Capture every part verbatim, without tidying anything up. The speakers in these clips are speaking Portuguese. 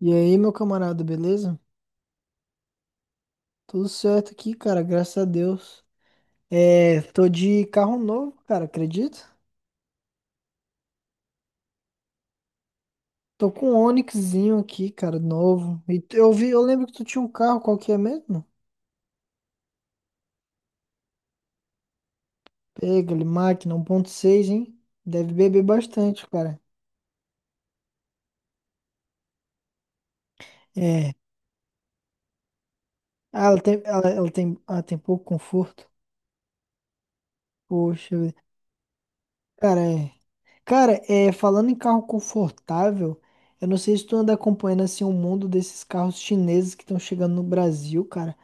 E aí, meu camarada, beleza? Tudo certo aqui, cara, graças a Deus. É, tô de carro novo, cara, acredita? Tô com um Onixzinho aqui, cara, novo. E tu- eu vi, eu lembro que tu tinha um carro, qual que é mesmo? Pega, ele, máquina um ponto seis, hein? Deve beber bastante, cara. É. Ah, ela tem, ela, ela tem, ah, tem pouco conforto. Poxa, vida. Cara, é. Cara, é, falando em carro confortável, eu não sei se tu anda acompanhando assim o mundo desses carros chineses que estão chegando no Brasil, cara.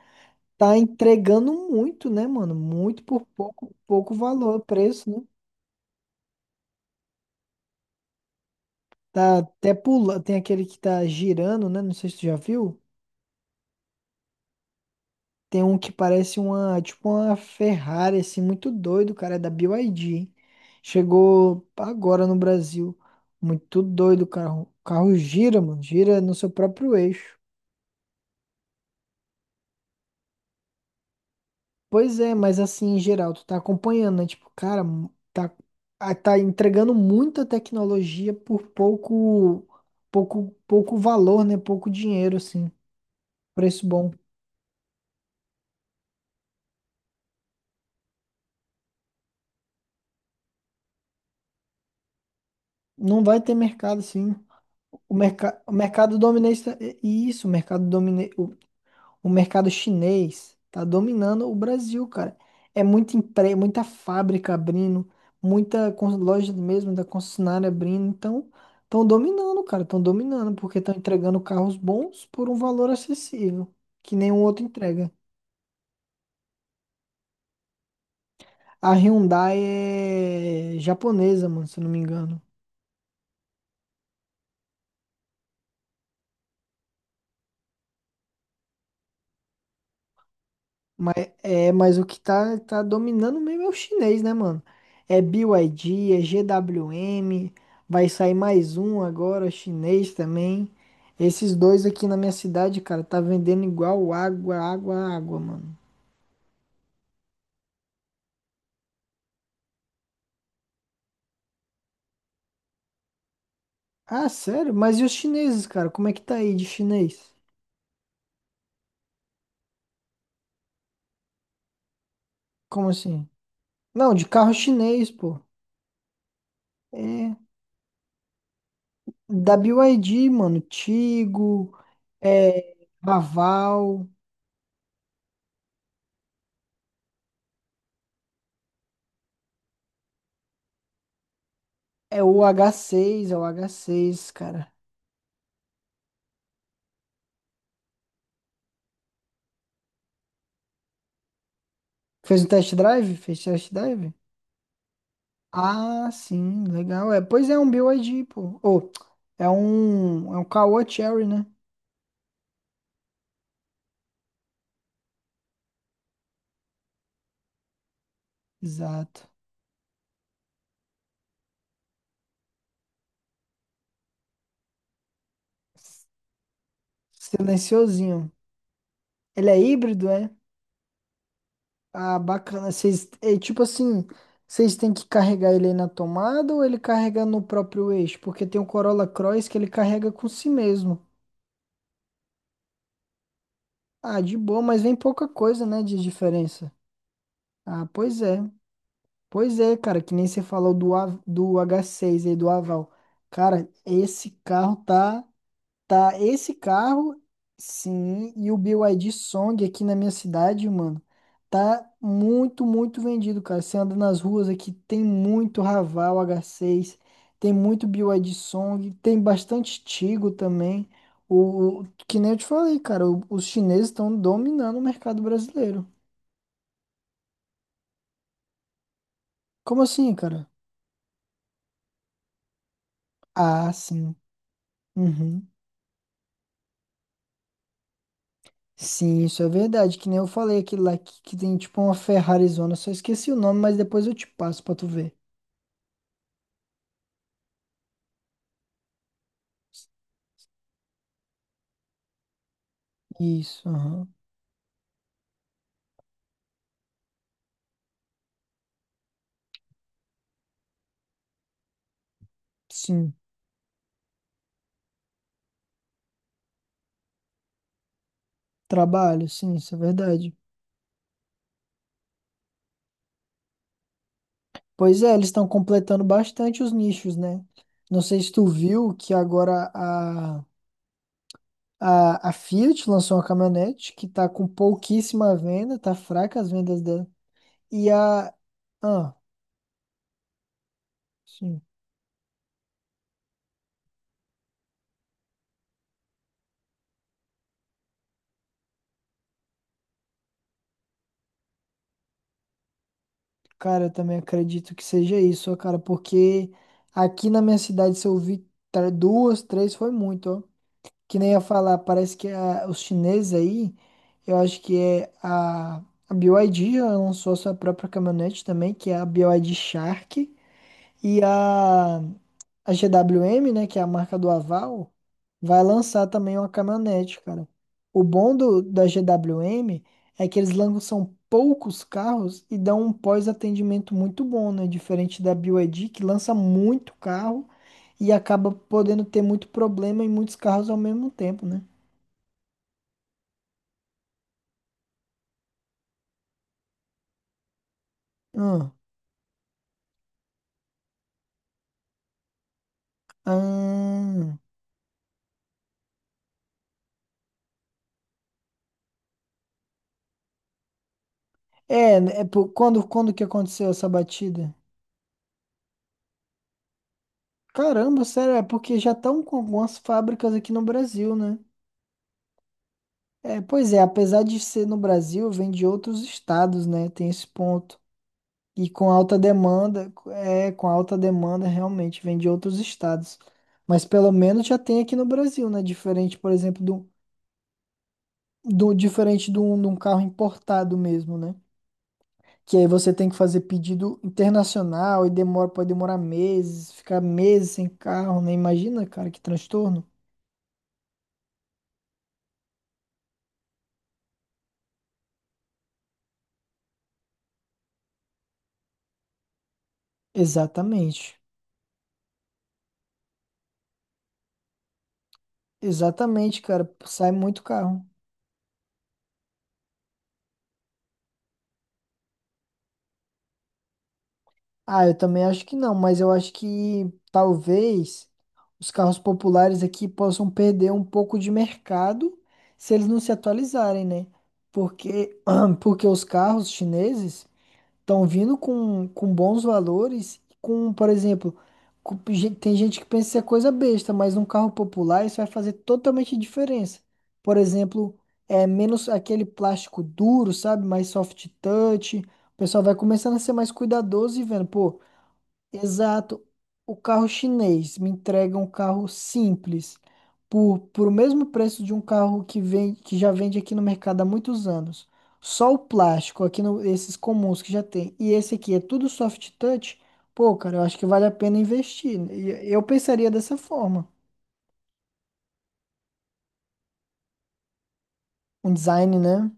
Tá entregando muito, né, mano? Muito por pouco, pouco valor, preço, né? Tá até pula, tem aquele que tá girando, né? Não sei se tu já viu. Tem um que parece uma, tipo uma Ferrari, assim, muito doido, cara, é da B Y D. Chegou agora no Brasil. Muito doido, o carro. O carro gira, mano, gira no seu próprio eixo. Pois é, mas assim, em geral, tu tá acompanhando, né? Tipo, cara, mu- tá, ah, tá entregando muita tecnologia por pouco, pouco, pouco valor, né? Pouco dinheiro, assim. Preço bom. Não vai ter mercado, assim. O, merca, o mercado dominante. tá- e- e Isso, o mercado dominante. O mercado chinês tá dominando o Brasil, cara. É muita empre... muita fábrica abrindo, muita con- loja mesmo da concessionária abrindo. Então, estão dominando, cara. Estão dominando porque estão entregando carros bons por um valor acessível, que nenhum outro entrega. A Hyundai é japonesa, mano, se eu não me engano. Mas, é, mas o que tá, tá dominando mesmo é o chinês, né, mano? É B Y D, é G W M, vai sair mais um agora, chinês também. Esses dois aqui na minha cidade, cara, tá vendendo igual água, água, água, mano. Ah, sério? Mas e os chineses, cara? Como é que tá aí de chinês? Como assim? Não, de carro chinês, pô. É, da B Y D, mano, Tigo, é, Raval, é o agá seis, é o h seis, cara. Fez um test drive? Fez test drive? Ah, sim, legal. É, pois é um B Y D, pô. Ou é um, é um Caoa Cherry, né? Exato. Silenciosinho. Ele é híbrido, é? Ah, bacana. Vocês, é tipo assim, vocês têm que carregar ele aí na tomada ou ele carrega no próprio eixo? Porque tem o Corolla Cross que ele carrega com si mesmo. Ah, de boa, mas vem pouca coisa, né, de diferença. Ah, pois é. Pois é, cara, que nem você falou do, A- do agá seis aí, do Aval. Cara, esse carro tá, tá, esse carro, sim, e o B Y D Song aqui na minha cidade, mano, tá muito, muito vendido, cara. Você anda nas ruas aqui, tem muito Raval agá seis, tem muito B Y D Song, tem bastante Tigo também. O, o- que nem eu te falei, cara, o- os chineses estão dominando o mercado brasileiro. Como assim, cara? Ah, sim. Uhum. Sim, isso é verdade. Que nem eu falei, aquele lá que, que tem tipo uma Ferrarizona. Eu só esqueci o nome, mas depois eu te passo pra tu ver. Isso, aham. Sim, trabalho, sim, isso é verdade. Pois é, eles estão completando bastante os nichos, né? Não sei se tu viu que agora a, a, a Fiat lançou uma caminhonete que tá com pouquíssima venda, tá fraca as vendas dela. E a. Ah, sim. Cara, eu também acredito que seja isso, ó, cara, porque aqui na minha cidade, se eu vi tra- duas, três, foi muito, ó. Que nem ia falar, parece que a- os chineses aí, eu acho que é a, a B Y D, ela lançou a sua própria caminhonete também, que é a B Y D Shark, e a a G W M, né, que é a marca do Aval, vai lançar também uma caminhonete, cara. O bom do, da G W M é que eles lançam poucos carros e dão um pós-atendimento muito bom, né? Diferente da B Y D, que lança muito carro e acaba podendo ter muito problema em muitos carros ao mesmo tempo, né? Ah, ah. É, é por- quando, quando que aconteceu essa batida? Caramba, sério, é porque já estão com algumas fábricas aqui no Brasil, né? É, pois é, apesar de ser no Brasil, vem de outros estados, né? Tem esse ponto. E com alta demanda, é, com alta demanda realmente vem de outros estados. Mas pelo menos já tem aqui no Brasil, né? Diferente, por exemplo, do, do diferente de um, de um carro importado mesmo, né? Que aí você tem que fazer pedido internacional e demora, pode demorar meses, ficar meses sem carro, né? Imagina, cara, que transtorno. Exatamente. Exatamente, cara. Sai muito carro. Ah, eu também acho que não, mas eu acho que talvez os carros populares aqui possam perder um pouco de mercado se eles não se atualizarem, né? Porque, porque os carros chineses estão vindo com, com bons valores, com, por exemplo, com gen- tem gente que pensa que isso é coisa besta, mas num carro popular isso vai fazer totalmente diferença. Por exemplo, é menos aquele plástico duro, sabe? Mais soft touch. O pessoal vai começando a ser mais cuidadoso e vendo, pô. Exato. O carro chinês me entrega um carro simples por, por o mesmo preço de um carro que vem, que já vende aqui no mercado há muitos anos. Só o plástico, aqui no, esses comuns que já tem. E esse aqui é tudo soft touch. Pô, cara, eu acho que vale a pena investir. E eu pensaria dessa forma. Um design, né?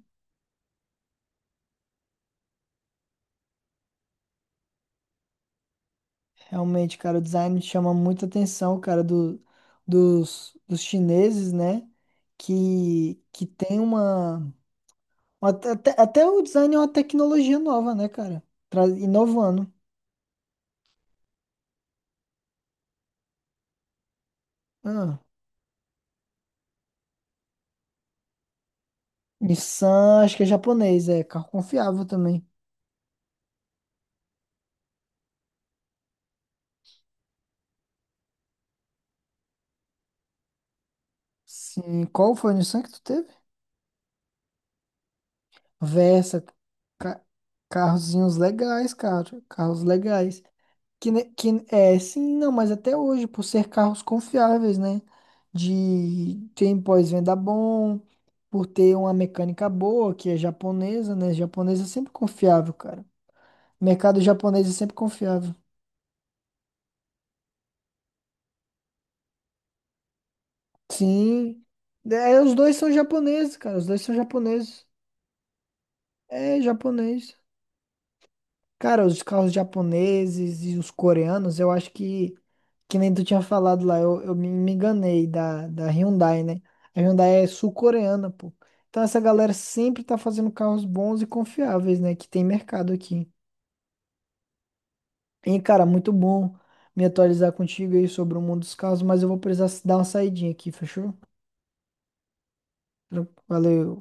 Realmente, cara, o design chama muita atenção, cara, do, dos, dos chineses, né? Que, que tem uma. Até, até- até o design é uma tecnologia nova, né, cara? Tra- Inovando. Ah, Nissan, acho que é japonês, é carro confiável também. Sim, qual foi o Nissan que tu teve? Versa, ca- carrozinhos legais, cara, carros legais. Que, ne- que é, sim, Não, mas até hoje, por ser carros confiáveis, né? De tem pós-venda bom, por ter uma mecânica boa, que é japonesa, né? Japonesa é sempre confiável, cara. Mercado japonês é sempre confiável. Sim. É, os dois são japoneses, cara. Os dois são japoneses. É japonês. Cara, os carros japoneses e os coreanos, eu acho que, que nem tu tinha falado lá, eu, eu me me enganei da, da Hyundai, né? A Hyundai é sul-coreana, pô. Então essa galera sempre tá fazendo carros bons e confiáveis, né? Que tem mercado aqui. E, cara, muito bom me atualizar contigo aí sobre o mundo dos carros, mas eu vou precisar dar uma saidinha aqui, fechou? Valeu.